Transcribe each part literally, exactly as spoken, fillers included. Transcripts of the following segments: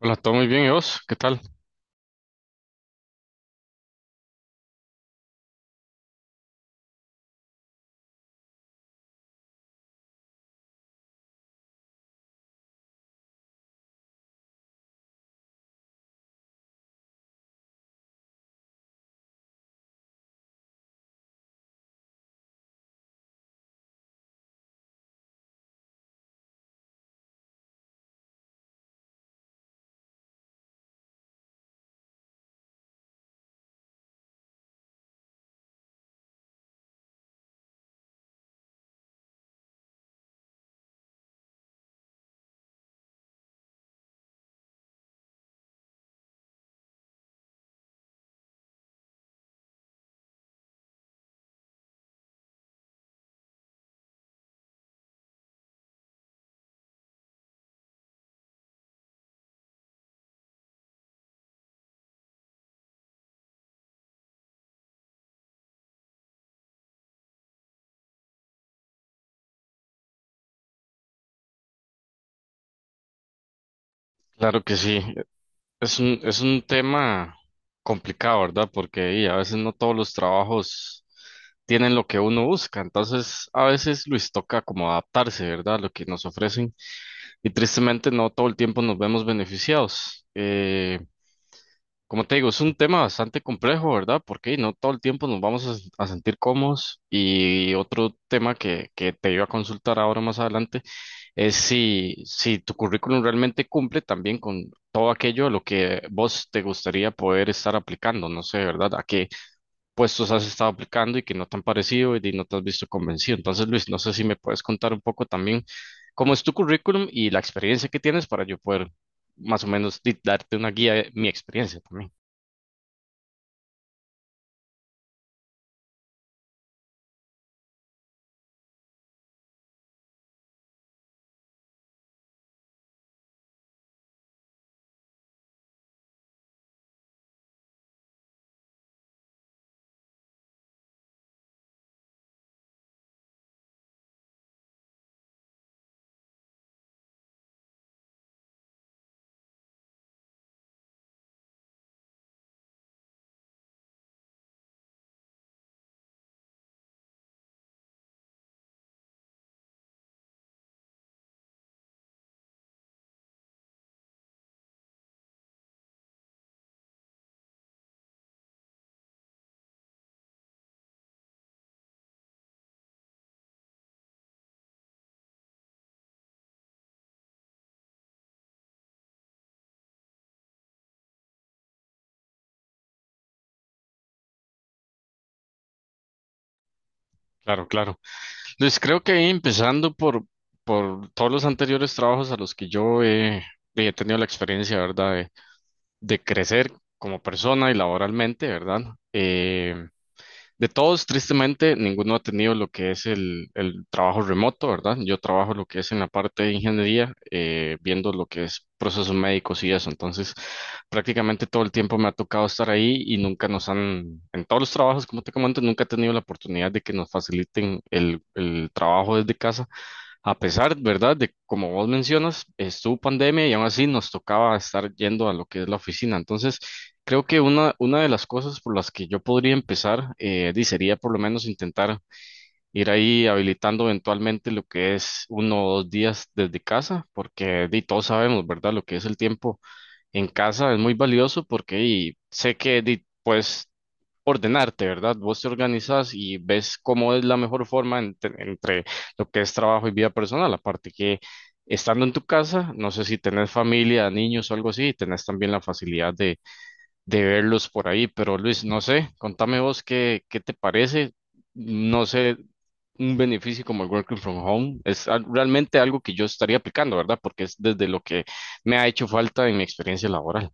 Hola, todo muy bien, ¿y vos? ¿Qué tal? Claro que sí, es un, es un tema complicado, ¿verdad? Porque y, a veces no todos los trabajos tienen lo que uno busca, entonces a veces Luis toca como adaptarse, ¿verdad? A lo que nos ofrecen y tristemente no todo el tiempo nos vemos beneficiados. Eh, como te digo, es un tema bastante complejo, ¿verdad? Porque y, no todo el tiempo nos vamos a, a sentir cómodos y otro tema que, que te iba a consultar ahora más adelante es si, si tu currículum realmente cumple también con todo aquello a lo que vos te gustaría poder estar aplicando. No sé, ¿verdad? ¿A qué puestos has estado aplicando y que no te han parecido y de- no te has visto convencido? Entonces, Luis, no sé si me puedes contar un poco también cómo es tu currículum y la experiencia que tienes para yo poder más o menos di- darte una guía de mi experiencia también. Claro, claro. Luis, creo que empezando por, por todos los anteriores trabajos a los que yo he, he tenido la experiencia, ¿verdad? De crecer como persona y laboralmente, ¿verdad? Eh, de todos, tristemente, ninguno ha tenido lo que es el, el trabajo remoto, ¿verdad? Yo trabajo lo que es en la parte de ingeniería, eh, viendo lo que es procesos médicos y eso. Entonces, prácticamente todo el tiempo me ha tocado estar ahí y nunca nos han, en todos los trabajos, como te comento, nunca he tenido la oportunidad de que nos faciliten el, el trabajo desde casa a pesar, ¿verdad?, de como vos mencionas, estuvo pandemia y aún así nos tocaba estar yendo a lo que es la oficina. Entonces, creo que una, una de las cosas por las que yo podría empezar, eh, di, sería por lo menos intentar ir ahí habilitando eventualmente lo que es uno o dos días desde casa, porque di, todos sabemos, ¿verdad?, lo que es el tiempo en casa es muy valioso porque y sé que di, puedes ordenarte, ¿verdad? Vos te organizas y ves cómo es la mejor forma entre, entre lo que es trabajo y vida personal. Aparte que estando en tu casa, no sé si tenés familia, niños o algo así, tenés también la facilidad de, de verlos por ahí. Pero Luis, no sé, contame vos qué, qué te parece, no sé, un beneficio como el working from home. Es al- realmente algo que yo estaría aplicando, ¿verdad? Porque es desde lo que me ha hecho falta en mi experiencia laboral.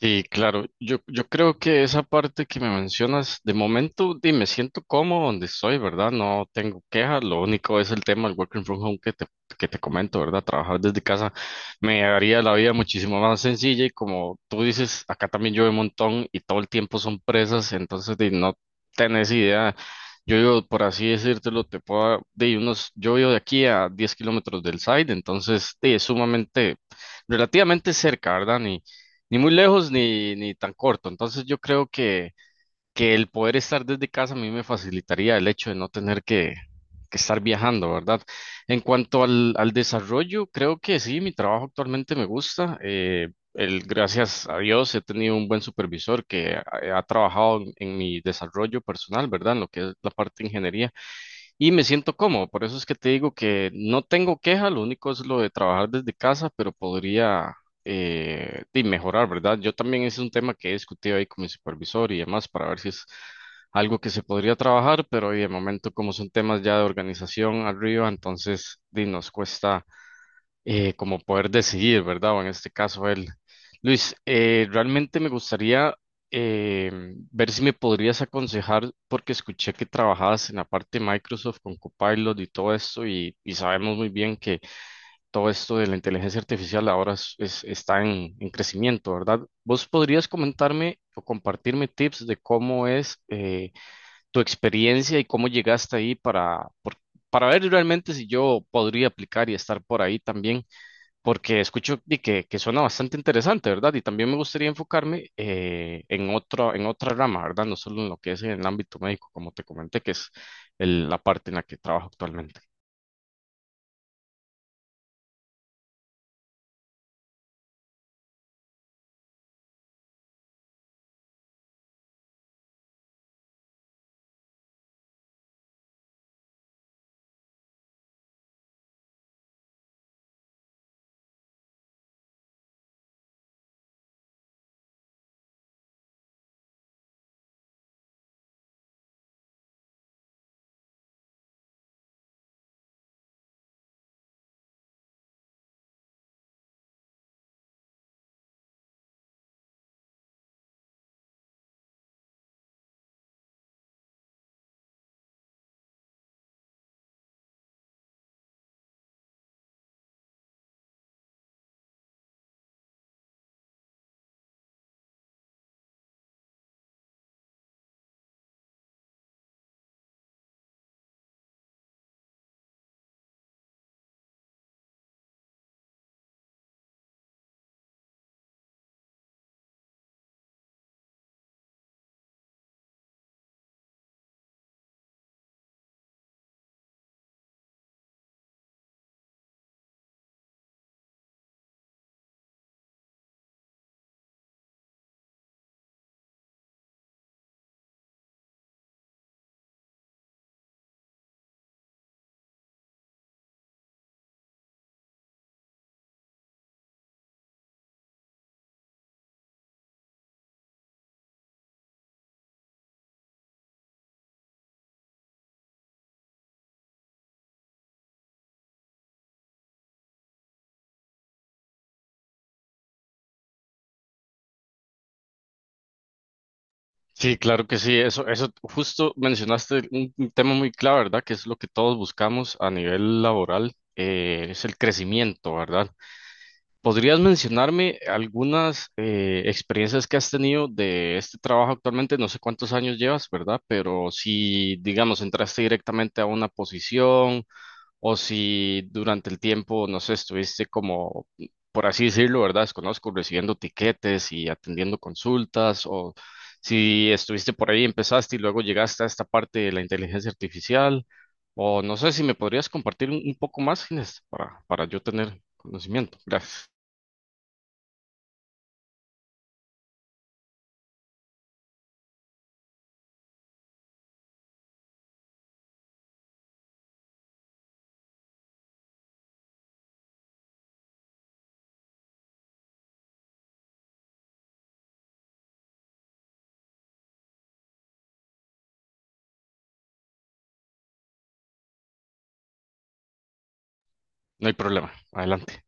Sí, claro. Yo, yo creo que esa parte que me mencionas, de momento, di, me siento cómodo donde estoy, ¿verdad? No tengo quejas. Lo único es el tema del working from home que te, que te comento, ¿verdad? Trabajar desde casa me haría la vida muchísimo más sencilla y como tú dices, acá también llueve un montón y todo el tiempo son presas, entonces di, no tenés idea. Yo vivo, por así decírtelo, te puedo, de unos, yo vivo de aquí a diez kilómetros del site, entonces di, es sumamente, relativamente cerca, ¿verdad? Ni muy lejos ni, ni tan corto. Entonces yo creo que, que el poder estar desde casa a mí me facilitaría el hecho de no tener que, que estar viajando, ¿verdad? En cuanto al, al desarrollo, creo que sí, mi trabajo actualmente me gusta. Eh, el, gracias a Dios he tenido un buen supervisor que ha, ha trabajado en, en mi desarrollo personal, ¿verdad? En lo que es la parte de ingeniería y me siento cómodo. Por eso es que te digo que no tengo queja, lo único es lo de trabajar desde casa, pero podría eh, y mejorar, ¿verdad? Yo también es un tema que he discutido ahí con mi supervisor y demás para ver si es algo que se podría trabajar, pero y de momento como son temas ya de organización arriba, entonces di, nos cuesta eh, como poder decidir, ¿verdad? O en este caso él. Luis, eh, realmente me gustaría eh, ver si me podrías aconsejar, porque escuché que trabajabas en la parte de Microsoft con Copilot y todo esto, y, y sabemos muy bien que todo esto de la inteligencia artificial ahora es- es- está en, en crecimiento, ¿verdad? ¿Vos podrías comentarme o compartirme tips de cómo es eh, tu experiencia y cómo llegaste ahí para, por- para ver realmente si yo podría aplicar y estar por ahí también? Porque escucho di que, que suena bastante interesante, ¿verdad? Y también me gustaría enfocarme eh, en otro, en otra rama, ¿verdad? No solo en lo que es en el ámbito médico, como te comenté, que es el- la parte en la que trabajo actualmente. Sí, claro que sí, eso, eso justo mencionaste un, un tema muy clave, ¿verdad? Que es lo que todos buscamos a nivel laboral, eh, es el crecimiento, ¿verdad? ¿Podrías mencionarme algunas eh, experiencias que has tenido de este trabajo actualmente? No sé cuántos años llevas, ¿verdad? Pero si, digamos, entraste directamente a una posición o si durante el tiempo, no sé, estuviste como, por así decirlo, ¿verdad? Desconozco, recibiendo tiquetes y atendiendo consultas o si estuviste por ahí, empezaste y luego llegaste a esta parte de la inteligencia artificial o no sé si me podrías compartir un, un poco más, Inés, para, para yo tener conocimiento. Gracias. No hay problema. Adelante.